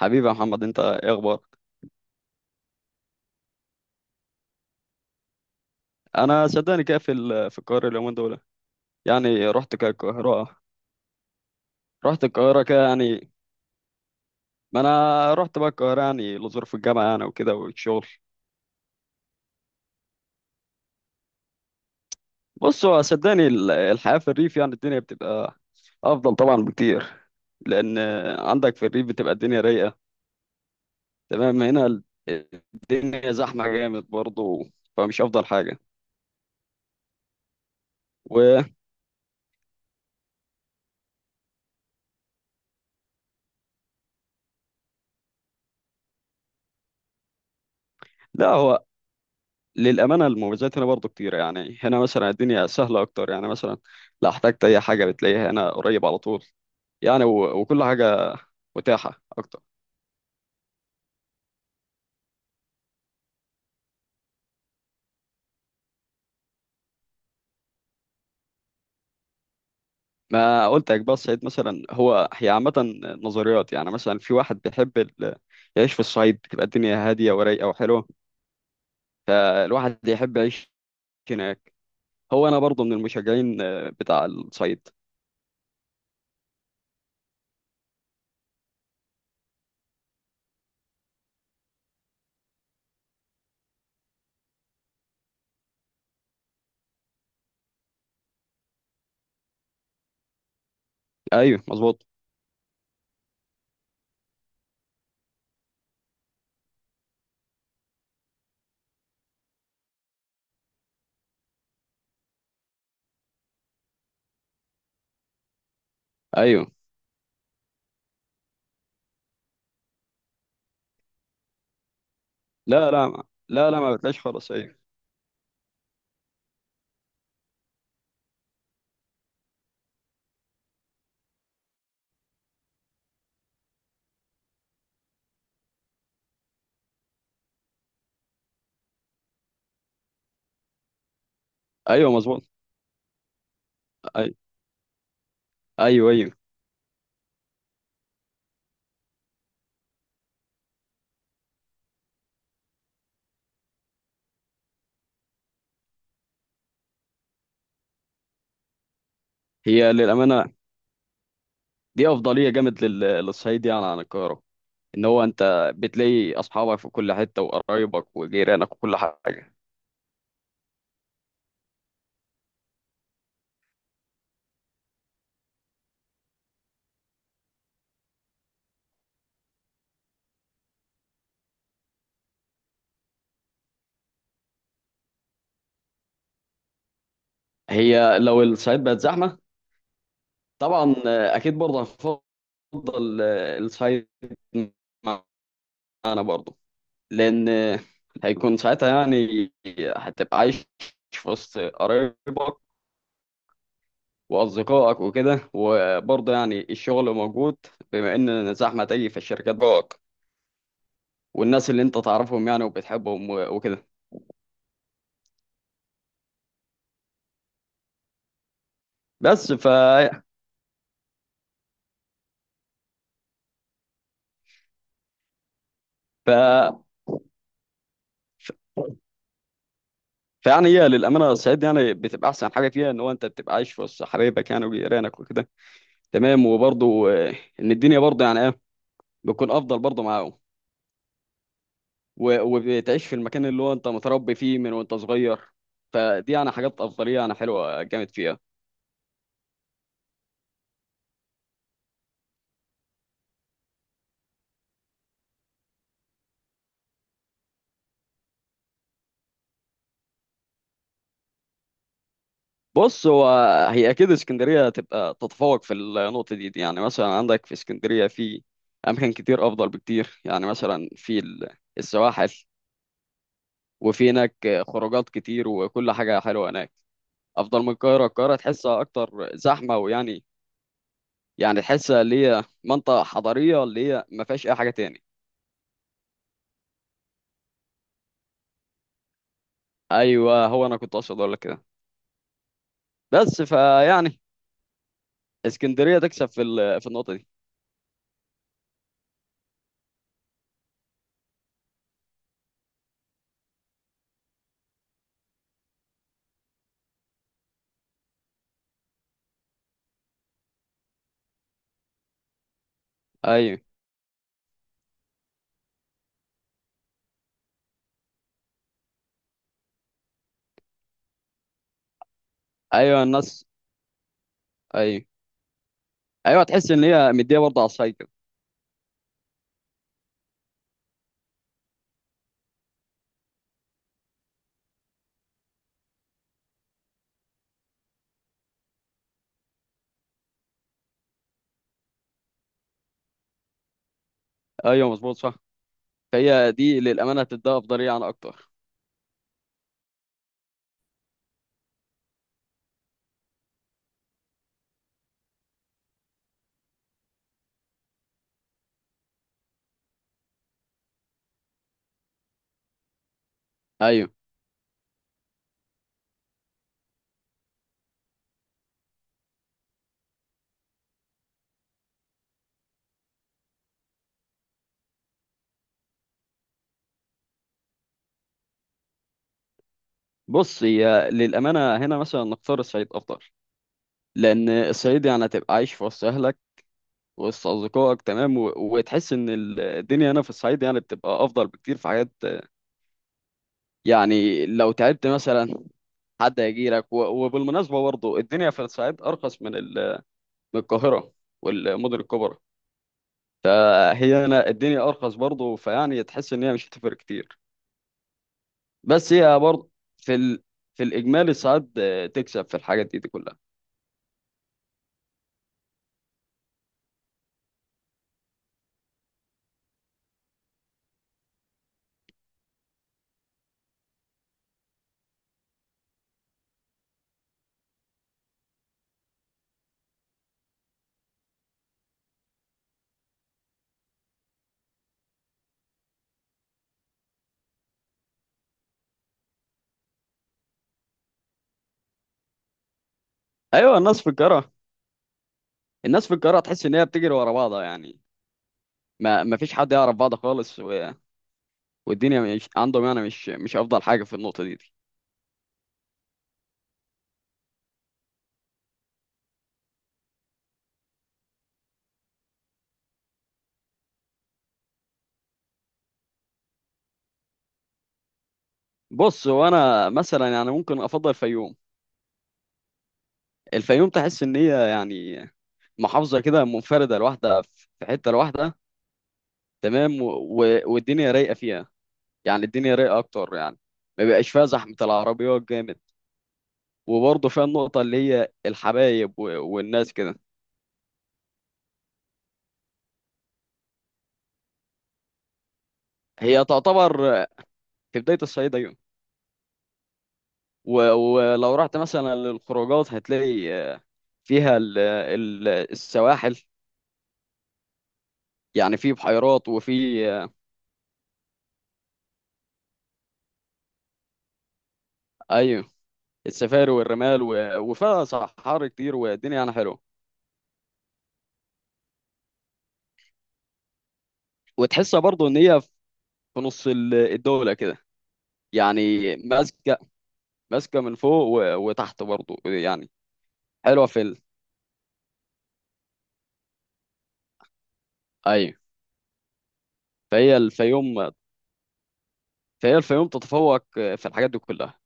حبيبي يا محمد، انت ايه اخبارك؟ انا صدقني كده في القاهره اليومين دول. يعني رحت كده القاهره. رحت القاهره كده يعني. ما انا رحت بقى القاهره يعني لظروف الجامعه يعني وكده والشغل. بص، هو صدقني الحياه في الريف، يعني الدنيا بتبقى افضل طبعا بكتير، لان عندك في الريف بتبقى الدنيا رايقه. تمام، هنا الدنيا زحمه جامد برضه، فمش افضل حاجه. ولا هو للأمانة المميزات هنا برضو كتير. يعني هنا مثلا الدنيا سهلة أكتر. يعني مثلا لو احتجت أي حاجة بتلاقيها هنا قريب على طول. يعني وكل حاجة متاحة أكتر. ما قلت لك بس سعيد مثلا، هو هي عامة نظريات. يعني مثلا في واحد بيحب يعيش في الصعيد، بتبقى الدنيا هادية ورايقة وحلوة، فالواحد يحب يعيش هناك. هو أنا برضو من المشجعين، آه، بتاع الصعيد. أيوه مظبوط. أيوه. لا لا. لا ما بتلاقيش خالص. أيوه. أيوه مظبوط. أيوه. أيوه. أيوه. هي للأمانة دي افضليه جامد للصعيد يعني عن القاهره، ان هو انت بتلاقي اصحابك في كل حته وقرايبك وجيرانك وكل حاجه. هي لو الصعيد بقت زحمه، طبعا آه، اكيد برضه هنفضل آه، الصعيد معانا برضه. لان آه، هيكون ساعتها يعني هتبقى عايش في وسط قرايبك واصدقائك وكده. وبرضه يعني الشغل موجود، بما ان زحمه تيجي في الشركات بقى، والناس اللي انت تعرفهم يعني وبتحبهم وكده. بس ف ف ف- فيعني هي للامانه الصعيد يعني بتبقى احسن حاجه فيها، ان هو انت بتبقى عايش وسط حبايبك يعني وجيرانك وكده. تمام. وبرضه آه، ان الدنيا برضه يعني ايه، بتكون افضل برضه معاهم. وبتعيش في المكان اللي هو انت متربي فيه من وانت صغير. فدي يعني حاجات افضليه يعني حلوه جامد فيها. بص هو، هي اكيد اسكندريه تبقى تتفوق في النقطه دي. يعني مثلا عندك في اسكندريه في اماكن كتير افضل بكتير. يعني مثلا السواحل، وفي هناك خروجات كتير، وكل حاجة حلوة هناك أفضل من القاهرة. القاهرة تحسها أكتر زحمة، ويعني يعني تحسها اللي هي منطقة حضرية اللي هي ما فيهاش أي حاجة تاني. أيوه، هو أنا كنت أقصد أقول لك كده، بس فيعني اسكندرية تكسب في النقطة دي. أيوه. أيوه الناس. أيوه. أيوه تحس إن هي مدية برضه على الصعيد كده. أيوه مظبوط صح. فهي دي للأمانة هتديها أفضلية عن أكتر. أيوه. بص هي للأمانة هنا مثلا نختار الصعيد أفضل، لأن الصعيد يعني هتبقى عايش في وسط أهلك، وسط أصدقائك. تمام. وتحس إن الدنيا هنا في الصعيد يعني بتبقى أفضل بكتير في حاجات. يعني لو تعبت مثلا حد هيجي لك وبالمناسبة برضه الدنيا في الصعيد أرخص من من القاهرة والمدن الكبرى. فهي هنا الدنيا أرخص برضه، فيعني تحس إن هي مش هتفرق كتير. بس هي برضه في ال... في الإجمالي الصعيد آه، تكسب في الحاجات دي كلها. أيوه الناس في القاهرة. الناس في القاهرة تحس إن هي بتجري ورا بعضها يعني. ما فيش حد يعرف بعض خالص، والدنيا مش عندهم يعني، مش افضل حاجه في النقطه دي. بص، هو انا مثلا يعني ممكن افضل الفيوم. الفيوم تحس ان هي يعني محافظه كده منفرده لوحدها في حته لوحدها. تمام. والدنيا رايقه فيها، يعني الدنيا رايقه اكتر يعني، ما بيبقاش فيها زحمه العربيات جامد. وبرضه فيها النقطه اللي هي الحبايب والناس كده. هي تعتبر في بدايه الصعيد، ايوه. ولو رحت مثلا للخروجات هتلاقي فيها السواحل، يعني في بحيرات وفي، ايوه، السفاري والرمال، وفيها صحاري كتير والدنيا يعني حلوه. وتحسها برضو ان هي في نص الدوله كده، يعني ماسكه، ماسكه من فوق وتحت برضو يعني. حلوه ايوه. فهي الفيوم فهي الفيوم تتفوق في الحاجات دي كلها.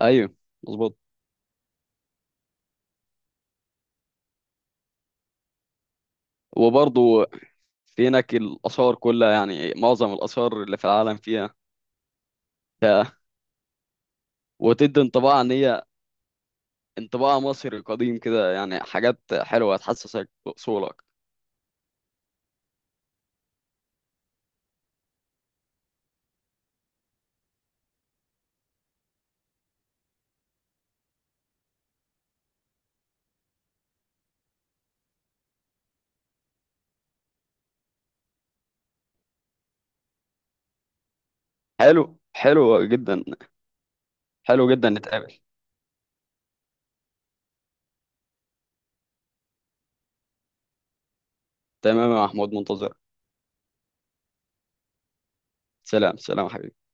ايوه مظبوط. وبرضو في هناك الاثار كلها، يعني معظم الاثار اللي في العالم فيها. ف... وتدي انطباع ان هي انطباع مصري قديم كده، يعني حاجات حلوة تحسسك بأصولك. حلو، حلو جدا. حلو جدا، نتقابل. تمام يا محمود، منتظر. سلام، سلام يا حبيبي.